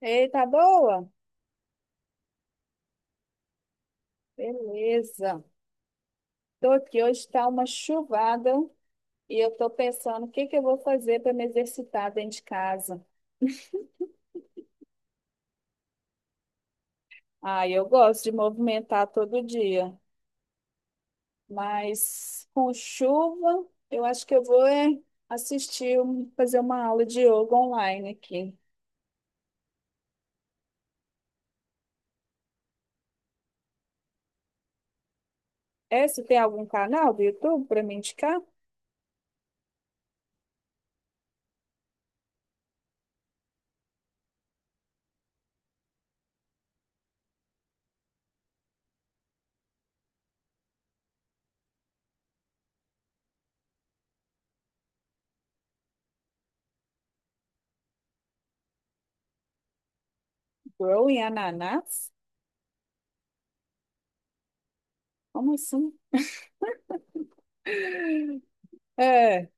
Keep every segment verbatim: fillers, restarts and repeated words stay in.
Ei, tá boa? Beleza. Tô aqui, hoje tá uma chuvada e eu tô pensando o que que eu vou fazer para me exercitar dentro de casa. Ah, eu gosto de movimentar todo dia, mas com chuva, eu acho que eu vou é, assistir, um- fazer uma aula de yoga online aqui. É, você tem algum canal do YouTube para me indicar? Growing Ananas? Como assim? É.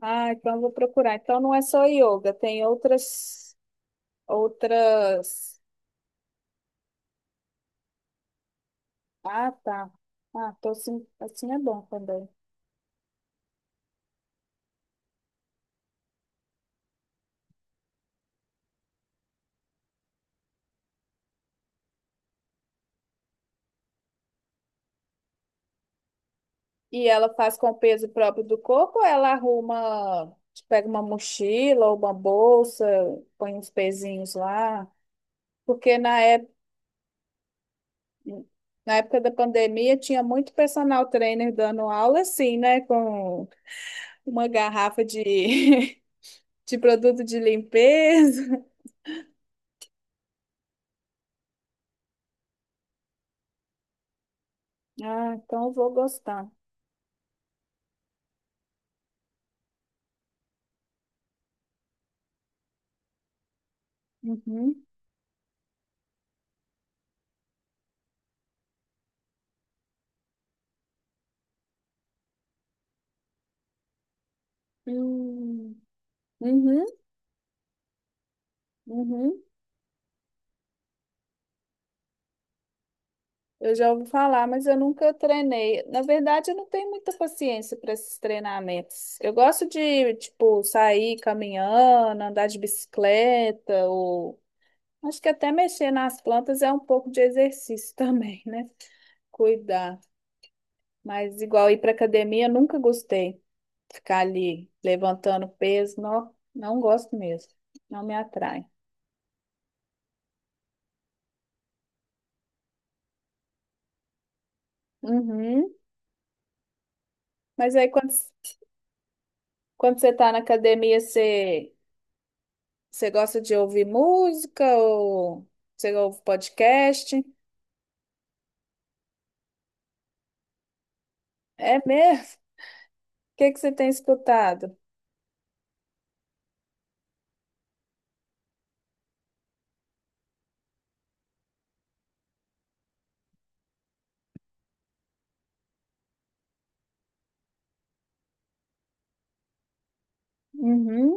Ah, então eu vou procurar. Então não é só yoga, tem outras. Outras. Ah, tá. Ah, tô assim, assim é bom também. E ela faz com o peso próprio do corpo ou ela arruma, tipo, pega uma mochila ou uma bolsa, põe uns pezinhos lá? Porque na época, Na época da pandemia tinha muito personal trainer dando aula assim, né? Com uma garrafa de, de produto de limpeza. Ah, então eu vou gostar. Uhum. Hum. Uhum. Uhum. Eu já ouvi falar, mas eu nunca treinei. Na verdade, eu não tenho muita paciência para esses treinamentos. Eu gosto de, tipo, sair caminhando, andar de bicicleta, ou acho que até mexer nas plantas é um pouco de exercício também, né? Cuidar. Mas igual ir para academia, eu nunca gostei. Ficar ali levantando peso, não, não gosto mesmo. Não me atrai. Uhum. Mas aí quando, quando você tá na academia, você Você gosta de ouvir música ou você ouve podcast? É mesmo? O que que você tem escutado? Uhum.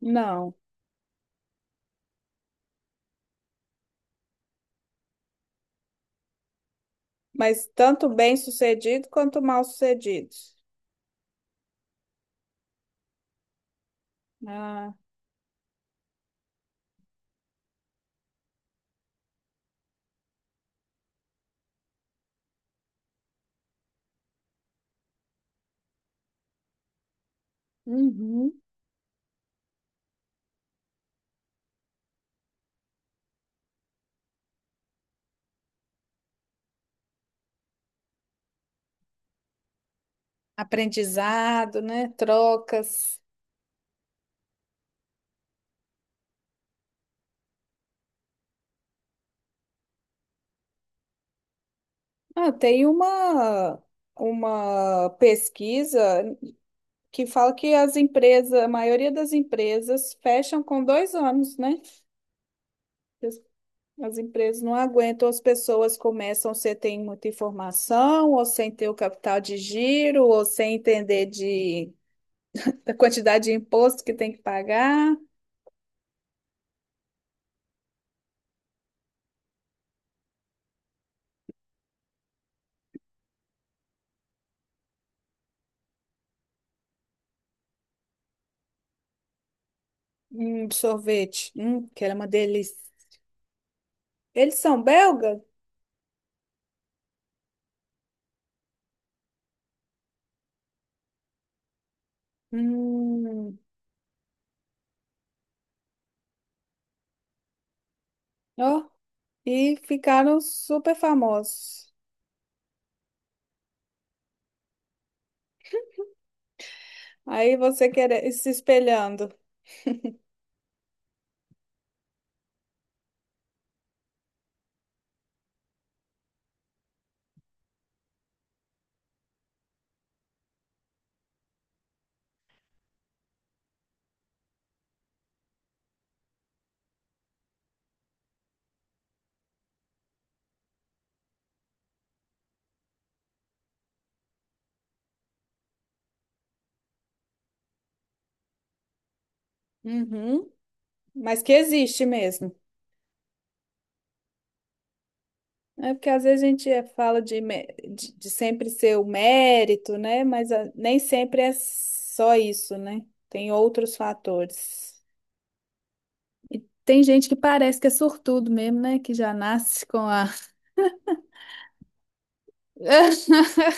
Não. Mas tanto bem-sucedido quanto mal-sucedido. Ah, uhum. Aprendizado, né? Trocas. Ah, tem uma, uma pesquisa que fala que as empresas, a maioria das empresas fecham com dois anos, né? As empresas não aguentam, as pessoas começam sem ter muita informação, ou sem ter o capital de giro, ou sem entender de, da quantidade de imposto que tem que pagar. Hum, sorvete, hum, que era uma delícia. Eles são belga? Hum, ó, e ficaram super famosos. Aí você quer se espelhando. Uhum, mas que existe mesmo. É porque às vezes a gente é- fala de, mé- de, de sempre ser o mérito, né? Mas ah, nem sempre é só isso, né? Tem outros fatores. Tem gente que parece que é sortudo mesmo, né? Que já nasce com a.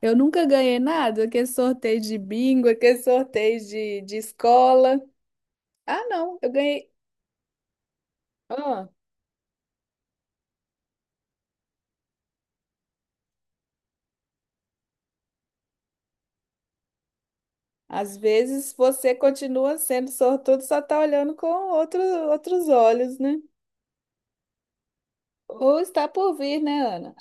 Eu nunca ganhei nada, aquele sorteio de bingo, aquele sorteio de, de escola. Ah, não, eu ganhei. Ah, às vezes você continua sendo sortudo, só tá olhando com outro, outros olhos, né? Ou está por vir, né, Ana?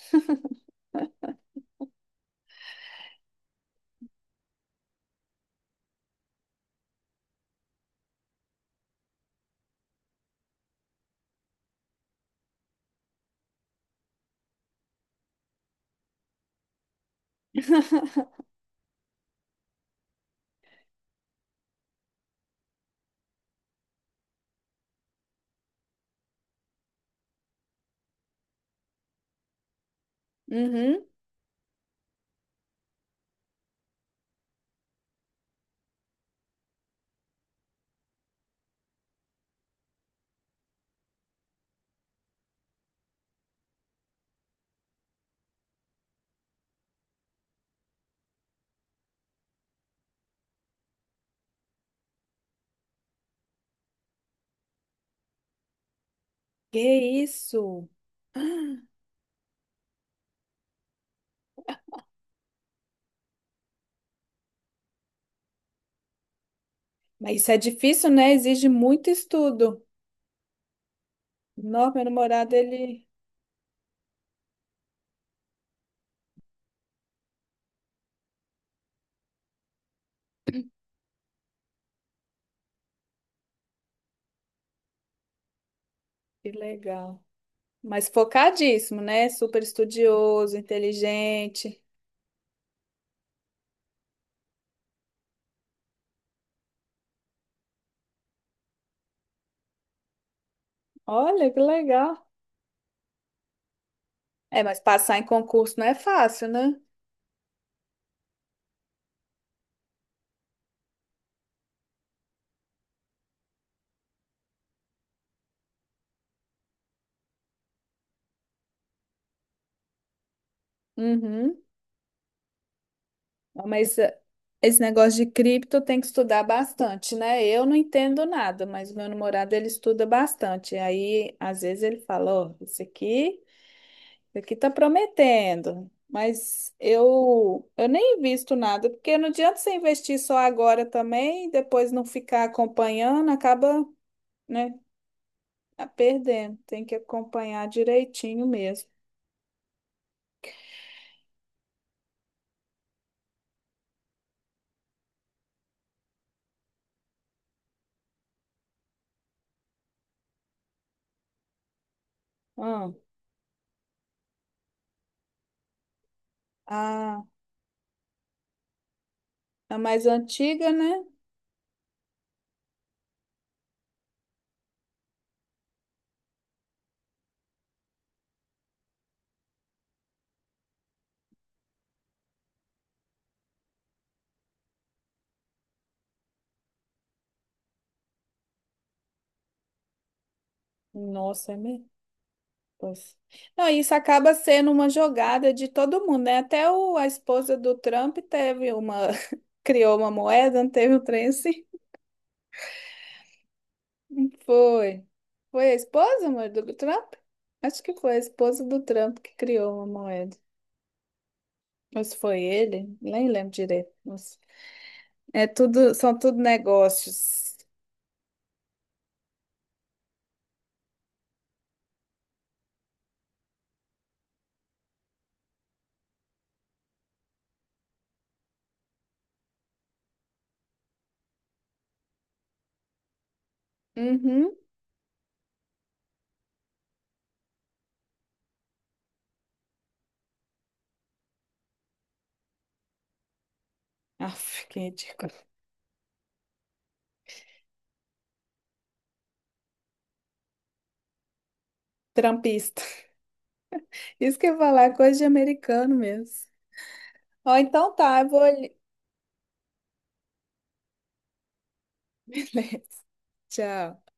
Uhum. Que isso? Mas isso é difícil, né? Exige muito estudo. Nossa, meu namorado, ele... Que legal. Mas focadíssimo, né? Super estudioso, inteligente. Olha, que legal. É, mas passar em concurso não é fácil, né? Uhum. Mas eh, esse negócio de cripto tem que estudar bastante, né? Eu não entendo nada, mas o meu namorado, ele estuda bastante. Aí, às vezes, ele fala, ó, isso aqui... Aqui tá prometendo, mas eu eu nem invisto nada, porque não adianta você investir só agora também, e depois não ficar acompanhando, acaba, né, a perdendo. Tem que acompanhar direitinho mesmo. Ah, a, a mais antiga, né? Nossa, é mesmo. Pois. Não, isso acaba sendo uma jogada de todo mundo, né? Até o, a esposa do Trump teve uma, criou uma moeda, não teve um trem assim. Foi. Foi a esposa, amor, do Trump? Acho que foi a esposa do Trump que criou uma moeda. Ou se foi ele, nem lembro direito. Nossa. É tudo, são tudo negócios. Uhum. Aff, que ridículo. Trumpista. Isso que eu ia falar é coisa de americano mesmo. Ó, então tá, eu vou ali. Beleza. Tchau.